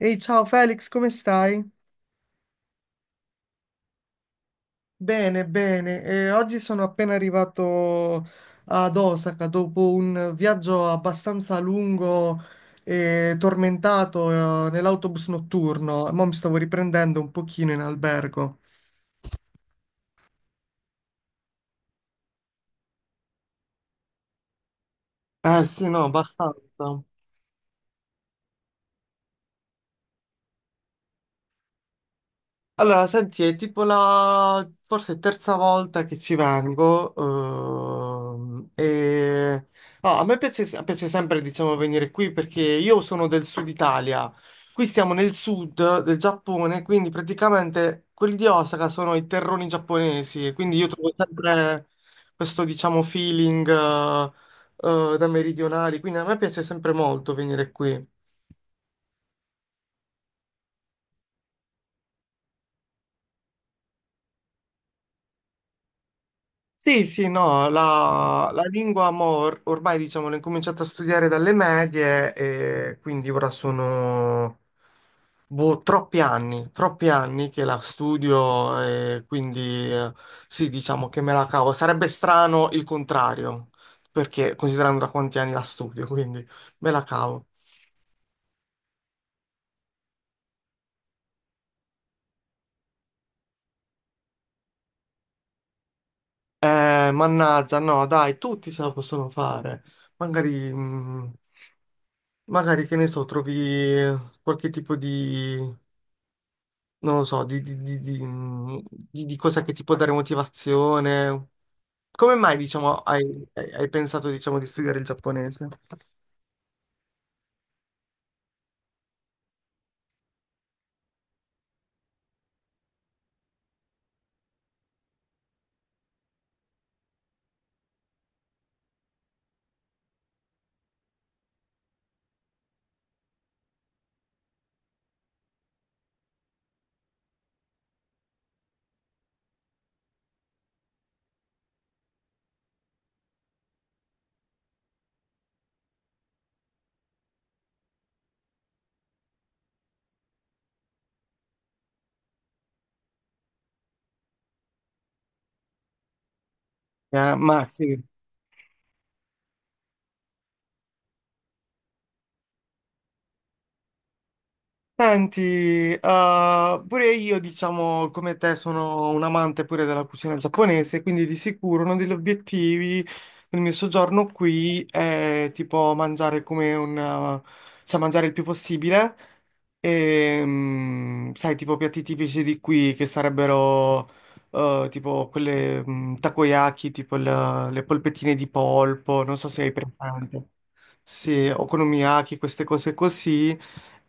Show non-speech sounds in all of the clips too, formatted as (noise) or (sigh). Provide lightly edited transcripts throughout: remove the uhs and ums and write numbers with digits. Ehi, ciao Felix, come stai? Bene, bene. Oggi sono appena arrivato ad Osaka dopo un viaggio abbastanza lungo e tormentato, nell'autobus notturno. Mo' mi stavo riprendendo un pochino in albergo. Eh sì, no, abbastanza. Allora, senti, è tipo la forse terza volta che ci vengo. No, a me piace sempre, diciamo, venire qui perché io sono del sud Italia. Qui stiamo nel sud del Giappone, quindi praticamente quelli di Osaka sono i terroni giapponesi. E quindi io trovo sempre questo, diciamo, feeling da meridionali. Quindi a me piace sempre molto venire qui. Sì, sì, no, la lingua mo, ormai diciamo l'ho incominciata a studiare dalle medie e quindi ora sono boh, troppi anni che la studio e quindi eh, sì, diciamo che me la cavo. Sarebbe strano il contrario, perché considerando da quanti anni la studio, (laughs) quindi me la cavo. Mannaggia, no, dai, tutti ce la possono fare. Magari, mm, Magari che ne so, trovi qualche tipo di non lo so, di cosa che ti può dare motivazione. Come mai, diciamo, hai pensato, diciamo, di studiare il giapponese? Ah, ma sì. Senti, pure io, diciamo, come te, sono un amante pure della cucina giapponese, quindi di sicuro uno degli obiettivi del mio soggiorno qui è tipo mangiare come cioè mangiare il più possibile. E, sai, tipo piatti tipici di qui che sarebbero tipo quelle takoyaki, tipo le polpettine di polpo, non so se hai presente. Sì, okonomiyaki, queste cose così.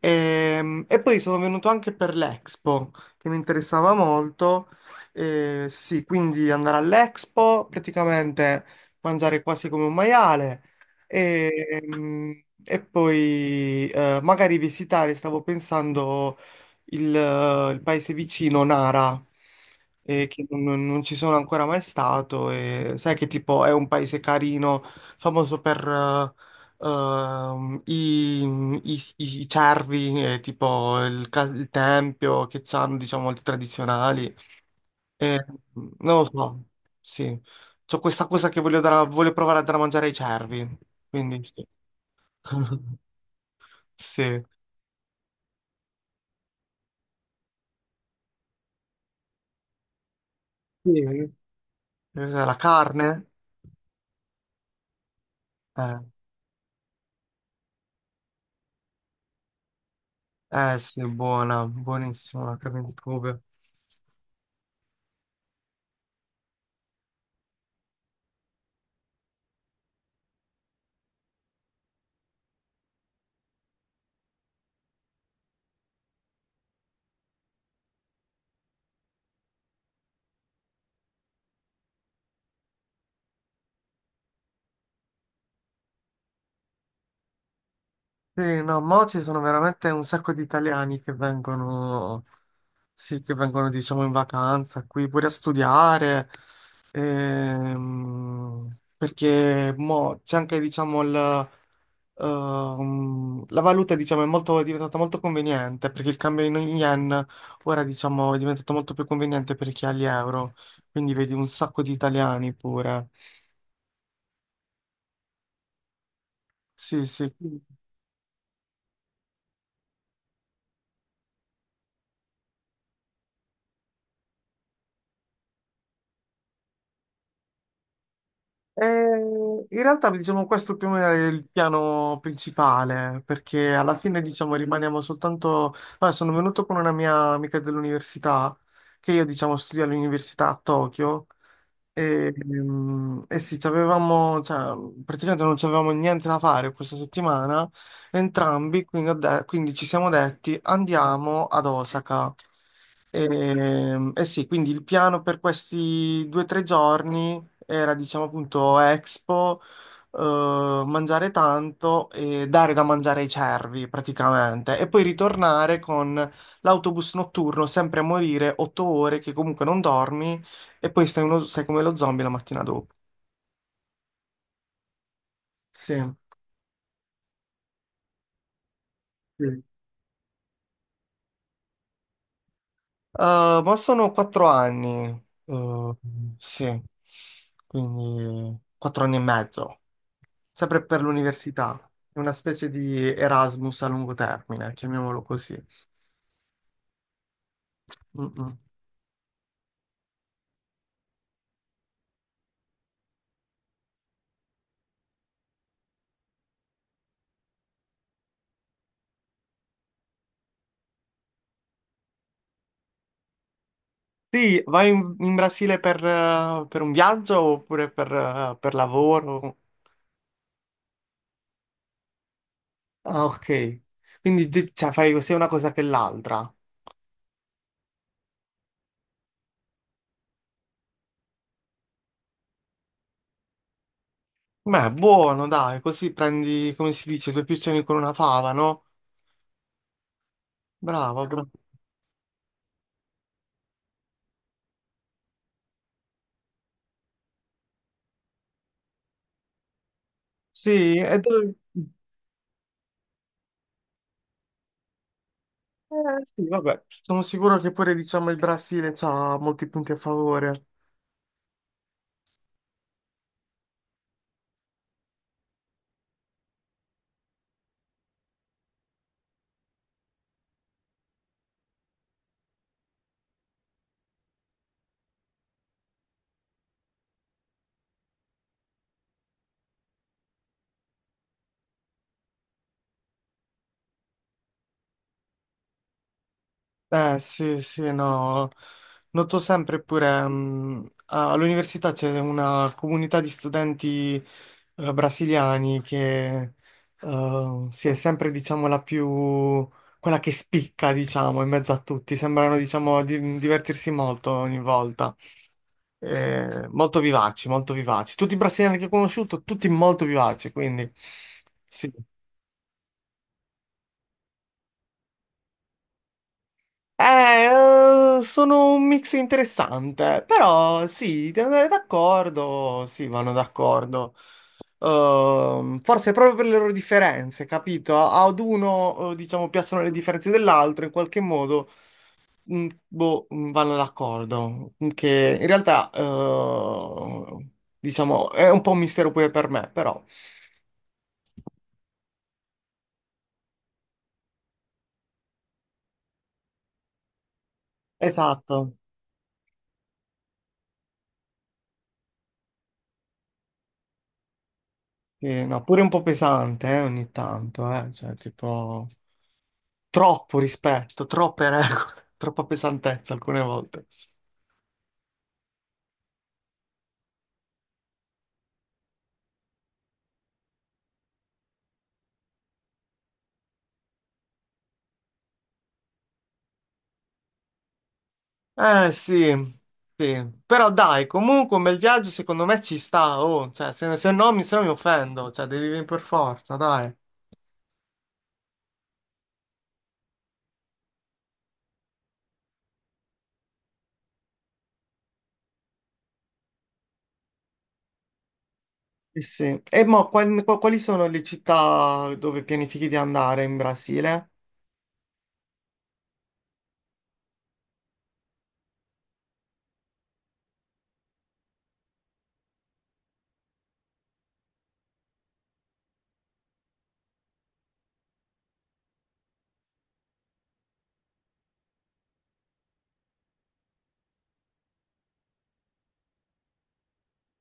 E, poi sono venuto anche per l'Expo, che mi interessava molto. Sì, quindi andare all'Expo, praticamente mangiare quasi come un maiale e, e poi magari visitare, stavo pensando il paese vicino, Nara, Mm. che non ci sono ancora mai stato. E sai che tipo è un paese carino, famoso per i cervi, tipo il tempio che hanno, diciamo, molti tradizionali. Eh, non lo so, sì. C'ho questa cosa che voglio provare a dare a mangiare ai cervi, quindi sì. (laughs) Sì. Sì. Cos'è, la carne? Eh. Eh sì, buona, buonissima la carne di Kobe. Sì, no, mo ci sono veramente un sacco di italiani che vengono, sì, che vengono, diciamo, in vacanza qui pure a studiare, perché mo c'è anche, diciamo, la valuta, diciamo, è diventata molto conveniente, perché il cambio in yen ora, diciamo, è diventato molto più conveniente per chi ha gli euro, quindi vedi un sacco di italiani pure. Sì, sì. Eh, In realtà, diciamo, questo più o meno è il piano principale, perché alla fine, diciamo, rimaniamo soltanto. Vabbè, sono venuto con una mia amica dell'università, che io, diciamo, studio all'università a Tokyo, e sì, ci avevamo, cioè, praticamente non avevamo niente da fare questa settimana, entrambi, quindi, quindi ci siamo detti, andiamo ad Osaka. E, eh sì, quindi il piano per questi 2 o 3 giorni era, diciamo appunto, Expo, eh, mangiare tanto e dare da mangiare ai cervi praticamente, e poi ritornare con l'autobus notturno, sempre a morire, 8 ore che comunque non dormi, e poi sei come lo zombie la mattina dopo. Sì. Sì. Ma sono 4 anni, sì, quindi 4 anni e mezzo, sempre per l'università. È una specie di Erasmus a lungo termine, chiamiamolo così. Mm-mm. Sì, vai in Brasile per un viaggio oppure per lavoro? Ah, ok. Quindi cioè, fai sia una cosa che l'altra. Beh, buono, dai, così prendi, come si dice, due piccioni con una fava, no? Bravo, bravo. Sì, sì, vabbè, sono sicuro che pure, diciamo, il Brasile ha molti punti a favore. Eh sì, sì, no, noto sempre pure all'università c'è una comunità di studenti brasiliani che sì, è sempre diciamo la più, quella che spicca diciamo in mezzo a tutti, sembrano diciamo divertirsi molto ogni volta. Molto vivaci, molto vivaci, tutti i brasiliani che ho conosciuto, tutti molto vivaci, quindi sì. Sono un mix interessante, però sì, devo andare d'accordo, sì, vanno d'accordo. Forse proprio per le loro differenze, capito? Ad uno, diciamo, piacciono le differenze dell'altro, in qualche modo, boh, vanno d'accordo. Che in realtà, diciamo, è un po' un mistero pure per me, però. Esatto, sì, no, pure un po' pesante, ogni tanto, cioè, tipo. Troppo rispetto, troppe regole, (laughs) troppa pesantezza alcune volte. Eh sì, sì. Però dai, comunque un bel viaggio secondo me ci sta, oh, cioè, se no mi offendo, cioè devi venire per forza, dai. Sì, sì. E mo, quali sono le città dove pianifichi di andare in Brasile?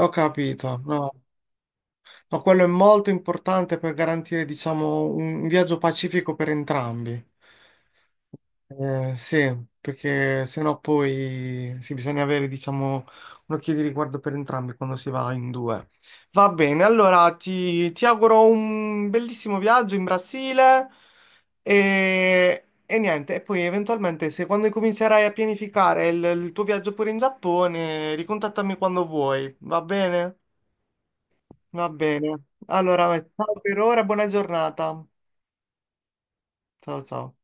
Ho capito, no. Ma quello è molto importante per garantire, diciamo, un viaggio pacifico per entrambi. Sì, perché sennò poi sì, bisogna avere, diciamo, un occhio di riguardo per entrambi quando si va in due. Va bene, allora ti auguro un bellissimo viaggio in Brasile e niente, e poi eventualmente se quando comincerai a pianificare il tuo viaggio pure in Giappone, ricontattami quando vuoi, va bene? Va bene. Allora, ciao per ora, buona giornata. Ciao ciao.